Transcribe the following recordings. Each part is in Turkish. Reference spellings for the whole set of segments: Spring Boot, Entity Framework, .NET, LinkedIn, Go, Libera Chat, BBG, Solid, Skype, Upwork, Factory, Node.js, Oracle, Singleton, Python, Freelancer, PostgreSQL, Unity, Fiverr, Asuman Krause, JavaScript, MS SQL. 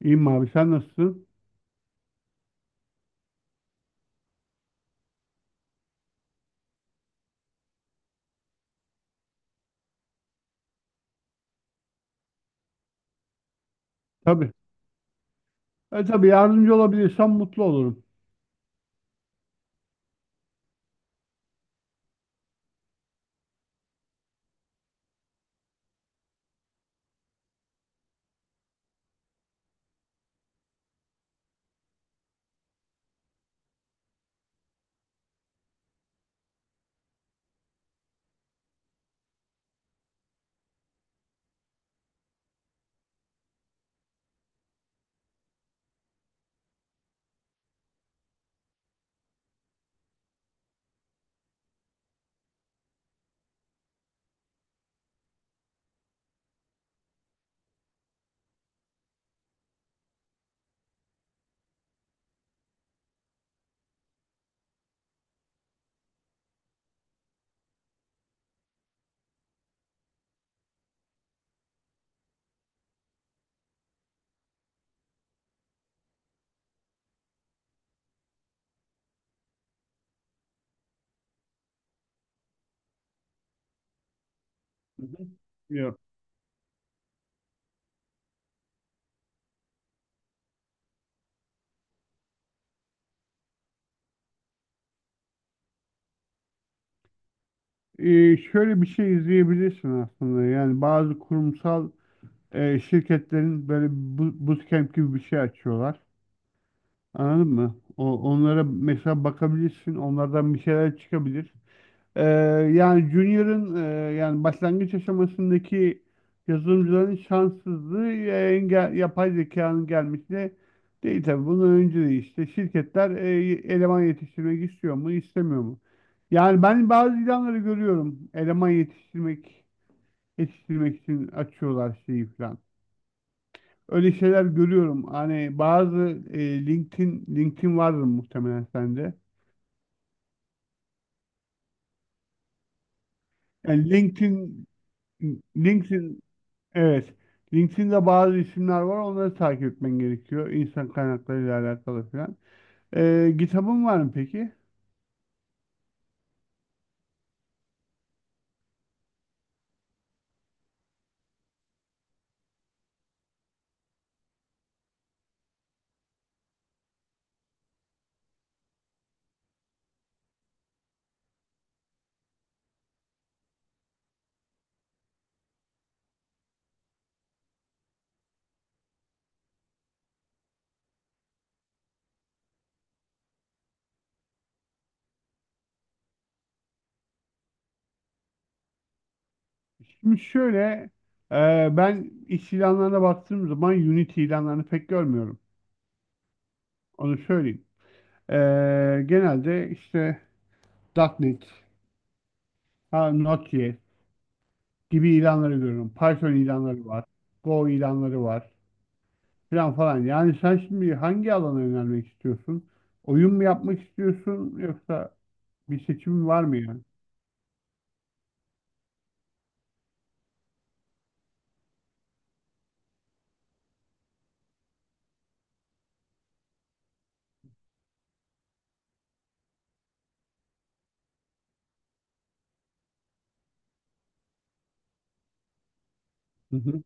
İyiyim abi sen nasılsın? Tabii. E tabii yardımcı olabilirsem mutlu olurum. Hı hı. Yok. E, şöyle bir şey izleyebilirsin aslında. Yani bazı kurumsal şirketlerin böyle bootcamp gibi bir şey açıyorlar. Anladın mı? Onlara mesela bakabilirsin. Onlardan bir şeyler çıkabilir. Ee, Yani Junior'ın yani başlangıç aşamasındaki yazılımcıların şanssızlığı yapay zekanın gelmesi değil tabii. Bundan önce de işte şirketler eleman yetiştirmek istiyor mu, istemiyor mu? Yani ben bazı ilanları görüyorum. Eleman yetiştirmek için açıyorlar şeyi falan. Öyle şeyler görüyorum. Hani bazı LinkedIn vardır muhtemelen sende. Yani LinkedIn. Evet. LinkedIn'de bazı isimler var. Onları takip etmen gerekiyor. İnsan kaynaklarıyla alakalı falan. Kitabın var mı peki? Şimdi şöyle e, ben iş ilanlarına baktığım zaman Unity ilanlarını pek görmüyorum. Onu söyleyeyim. Ee, Genelde işte .nokta .NET, ha, Node.js gibi ilanları görüyorum. Python ilanları var. Go ilanları var. Falan falan. Yani sen şimdi hangi alana yönelmek istiyorsun? Oyun mu yapmak istiyorsun yoksa bir seçim var mı yani? Hı hı.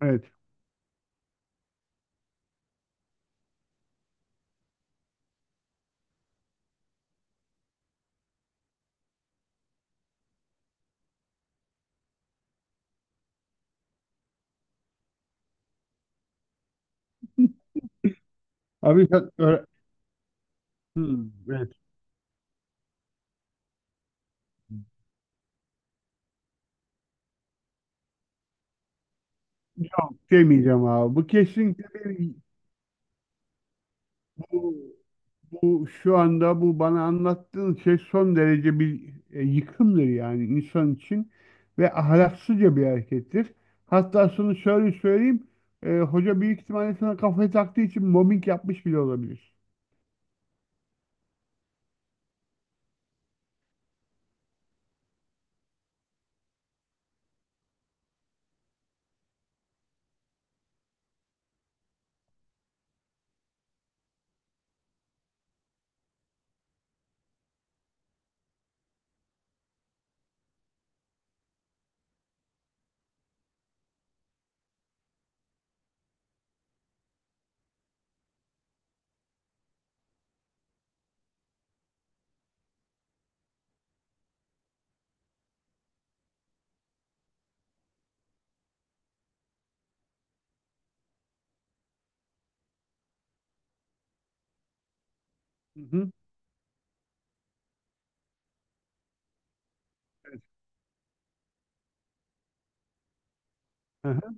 Evet. Abi sen öğre- Hmm, evet. Yok demeyeceğim abi. Bu kesinlikle bir, bu, bu şu anda bu bana anlattığın şey son derece bir yıkımdır yani insan için ve ahlaksızca bir harekettir. Hatta şunu şöyle söyleyeyim. E, hoca büyük ihtimalle sana kafayı taktığı için mobbing yapmış bile olabilir. Hı hı. Evet. Hı hı.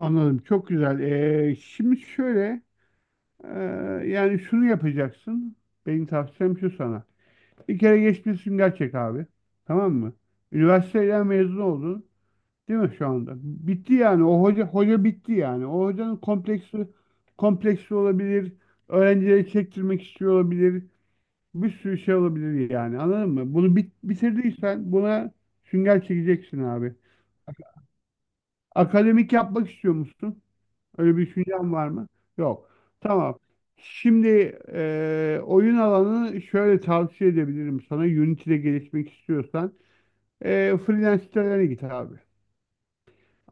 Anladım. Çok güzel. E, şimdi şöyle e, yani şunu yapacaksın. Benim tavsiyem şu sana. Bir kere geçmiş sünger çek abi. Tamam mı? Üniversiteden mezun oldun. Değil mi şu anda? Bitti yani. O hoca bitti yani. O hocanın kompleksi olabilir. Öğrencileri çektirmek istiyor olabilir. Bir sürü şey olabilir yani. Anladın mı? Bunu bitirdiysen buna sünger çekeceksin abi. Akademik yapmak istiyor musun? Öyle bir düşüncen var mı? Yok. Tamam. Şimdi oyun alanını şöyle tavsiye edebilirim sana. Unity'de gelişmek istiyorsan. Freelance sitelerine git abi.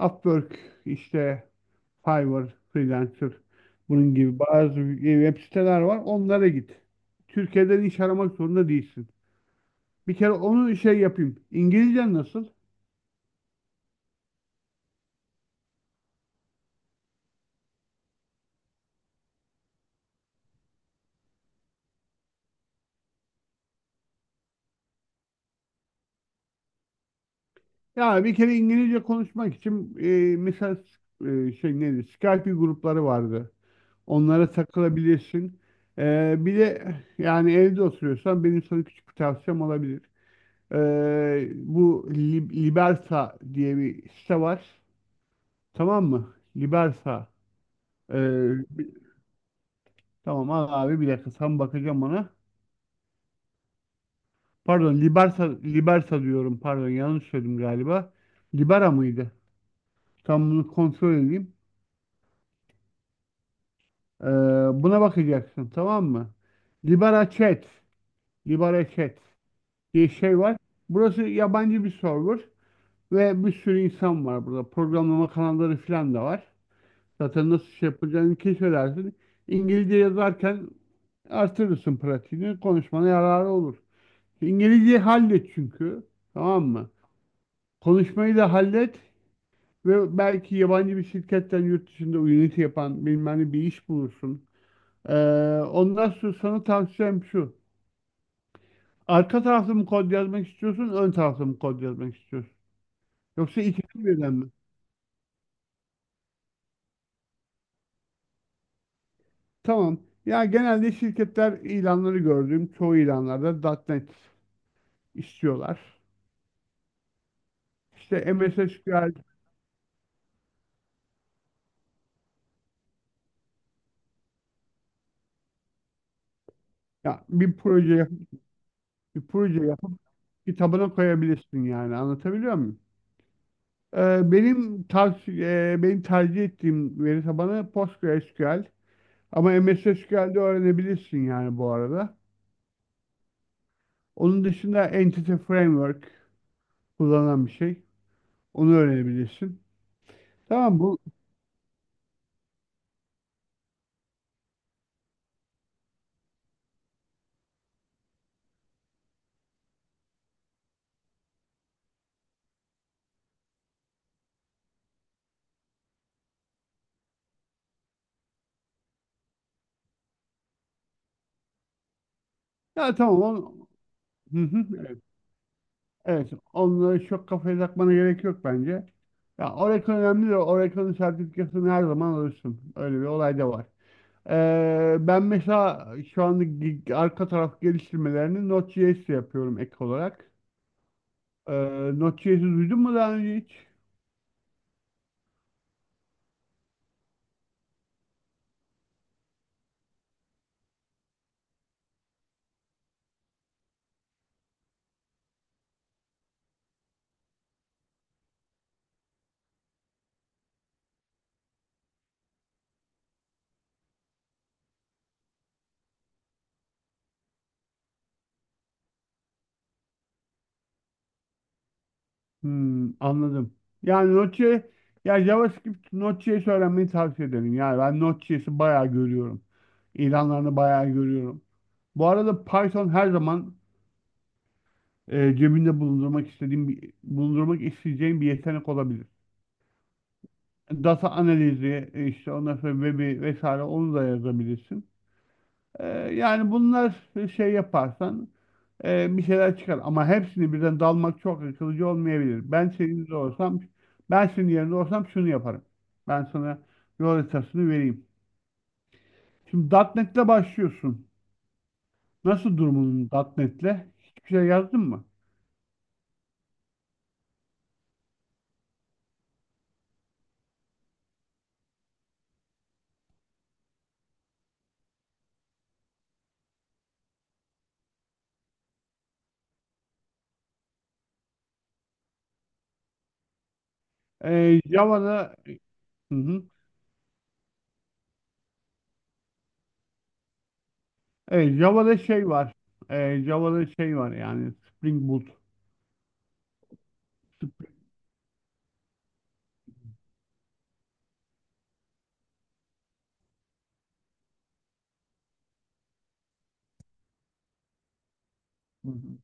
Upwork, işte Fiverr, Freelancer bunun gibi bazı web siteler var. Onlara git. Türkiye'den iş aramak zorunda değilsin. Bir kere onu şey yapayım. İngilizcen nasıl? Ya bir kere İngilizce konuşmak için mesela şey neydi? Skype grupları vardı. Onlara takılabilirsin. Bir de yani evde oturuyorsan benim sana küçük bir tavsiyem olabilir. Bu Liberta diye bir site var. Tamam mı? Liberta. Ee, bi- tamam al abi bir dakika tam bakacağım ona. Pardon Liberta, Liberta diyorum, pardon yanlış söyledim galiba. Libera mıydı? Tam bunu kontrol edeyim. Ee, Buna bakacaksın, tamam mı? Libera Chat. Libera Chat diye şey var. Burası yabancı bir server ve bir sürü insan var burada. Programlama kanalları falan da var. Zaten nasıl şey yapacağını keşfedersin. İngilizce yazarken artırırsın pratiğini. Konuşmana yararı olur. İngilizceyi hallet çünkü. Tamam mı? Konuşmayı da hallet ve belki yabancı bir şirketten yurt dışında Unity yapan bilmem ne bir iş bulursun. Ee, Ondan sonra sana tavsiyem şu. Arka tarafta mı kod yazmak istiyorsun, ön tarafta mı kod yazmak istiyorsun? Yoksa ikisi birden mi? Tamam. Ya genelde şirketler ilanları gördüğüm çoğu ilanlarda .nokta .NET istiyorlar. İşte MS SQL, ya bir proje yapıp kitabına koyabilirsin, yani anlatabiliyor muyum? Benim tercih ettiğim veri tabanı PostgreSQL ama M S MS SQL'de öğrenebilirsin yani bu arada. Onun dışında Entity Framework kullanan bir şey. Onu öğrenebilirsin. Tamam bu, ya tamam on... Hı hı, evet, onları çok kafaya takmana gerek yok bence. Ya Oracle önemli de Oracle'ın sertifikasını her zaman alırsın. Öyle bir olay da var. Ben mesela şu anda arka taraf geliştirmelerini Node.js ile yapıyorum ek olarak. Ee, Node.js'i duydun mu daha önce hiç? Anladım. Yani Node.js, ya JavaScript, Node.js öğrenmeyi tavsiye ederim. Yani ben Node.js'i bayağı görüyorum. İlanlarını bayağı görüyorum. Bu arada Python her zaman cebinde bulundurmak isteyeceğim bir yetenek olabilir. Data analizi, işte ondan sonra web'i vesaire onu da yazabilirsin. E, yani bunlar şey yaparsan bir şeyler çıkar. Ama hepsini birden dalmak çok akılcı olmayabilir. Ben senin yerinde olsam şunu yaparım. Ben sana yol haritasını vereyim. Şimdi .nokta .NET'le başlıyorsun. Nasıl durumun .nokta .NET'le? Hiçbir şey yazdın mı? E, Java'da. Hı hı. Evet, Java'da şey var. Java'da şey var yani, Spring Boot. Spring. Hı hı.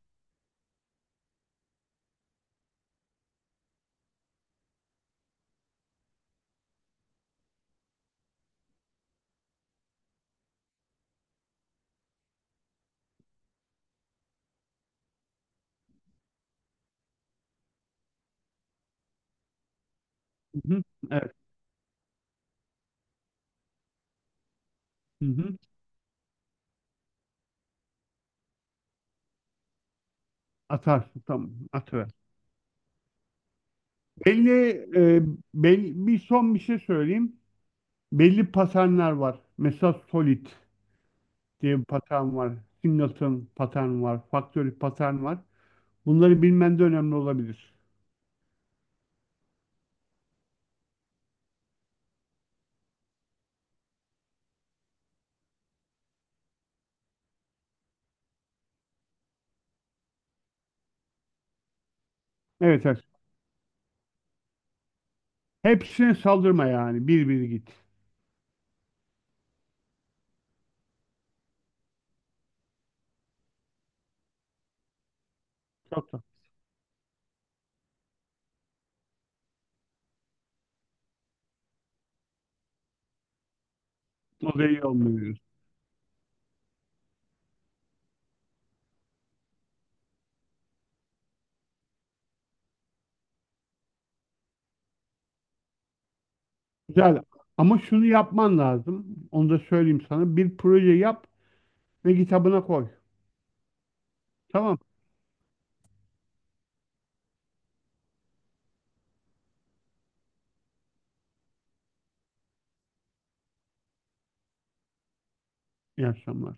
Hı hı, evet. Hı hı. Atarsın, tamam. Atıver. Belli, e, belli bir son bir şey söyleyeyim. Belli paternler var. Mesela Solid diye bir patern var. Singleton patern var. Factory patern var. Bunları bilmen de önemli olabilir. Evet, evet. Hepsine saldırma yani. Bir bir git. Çok da. O da iyi olmuyor. Güzel. Ama şunu yapman lazım. Onu da söyleyeyim sana. Bir proje yap ve kitabına koy. Tamam. İyi akşamlar.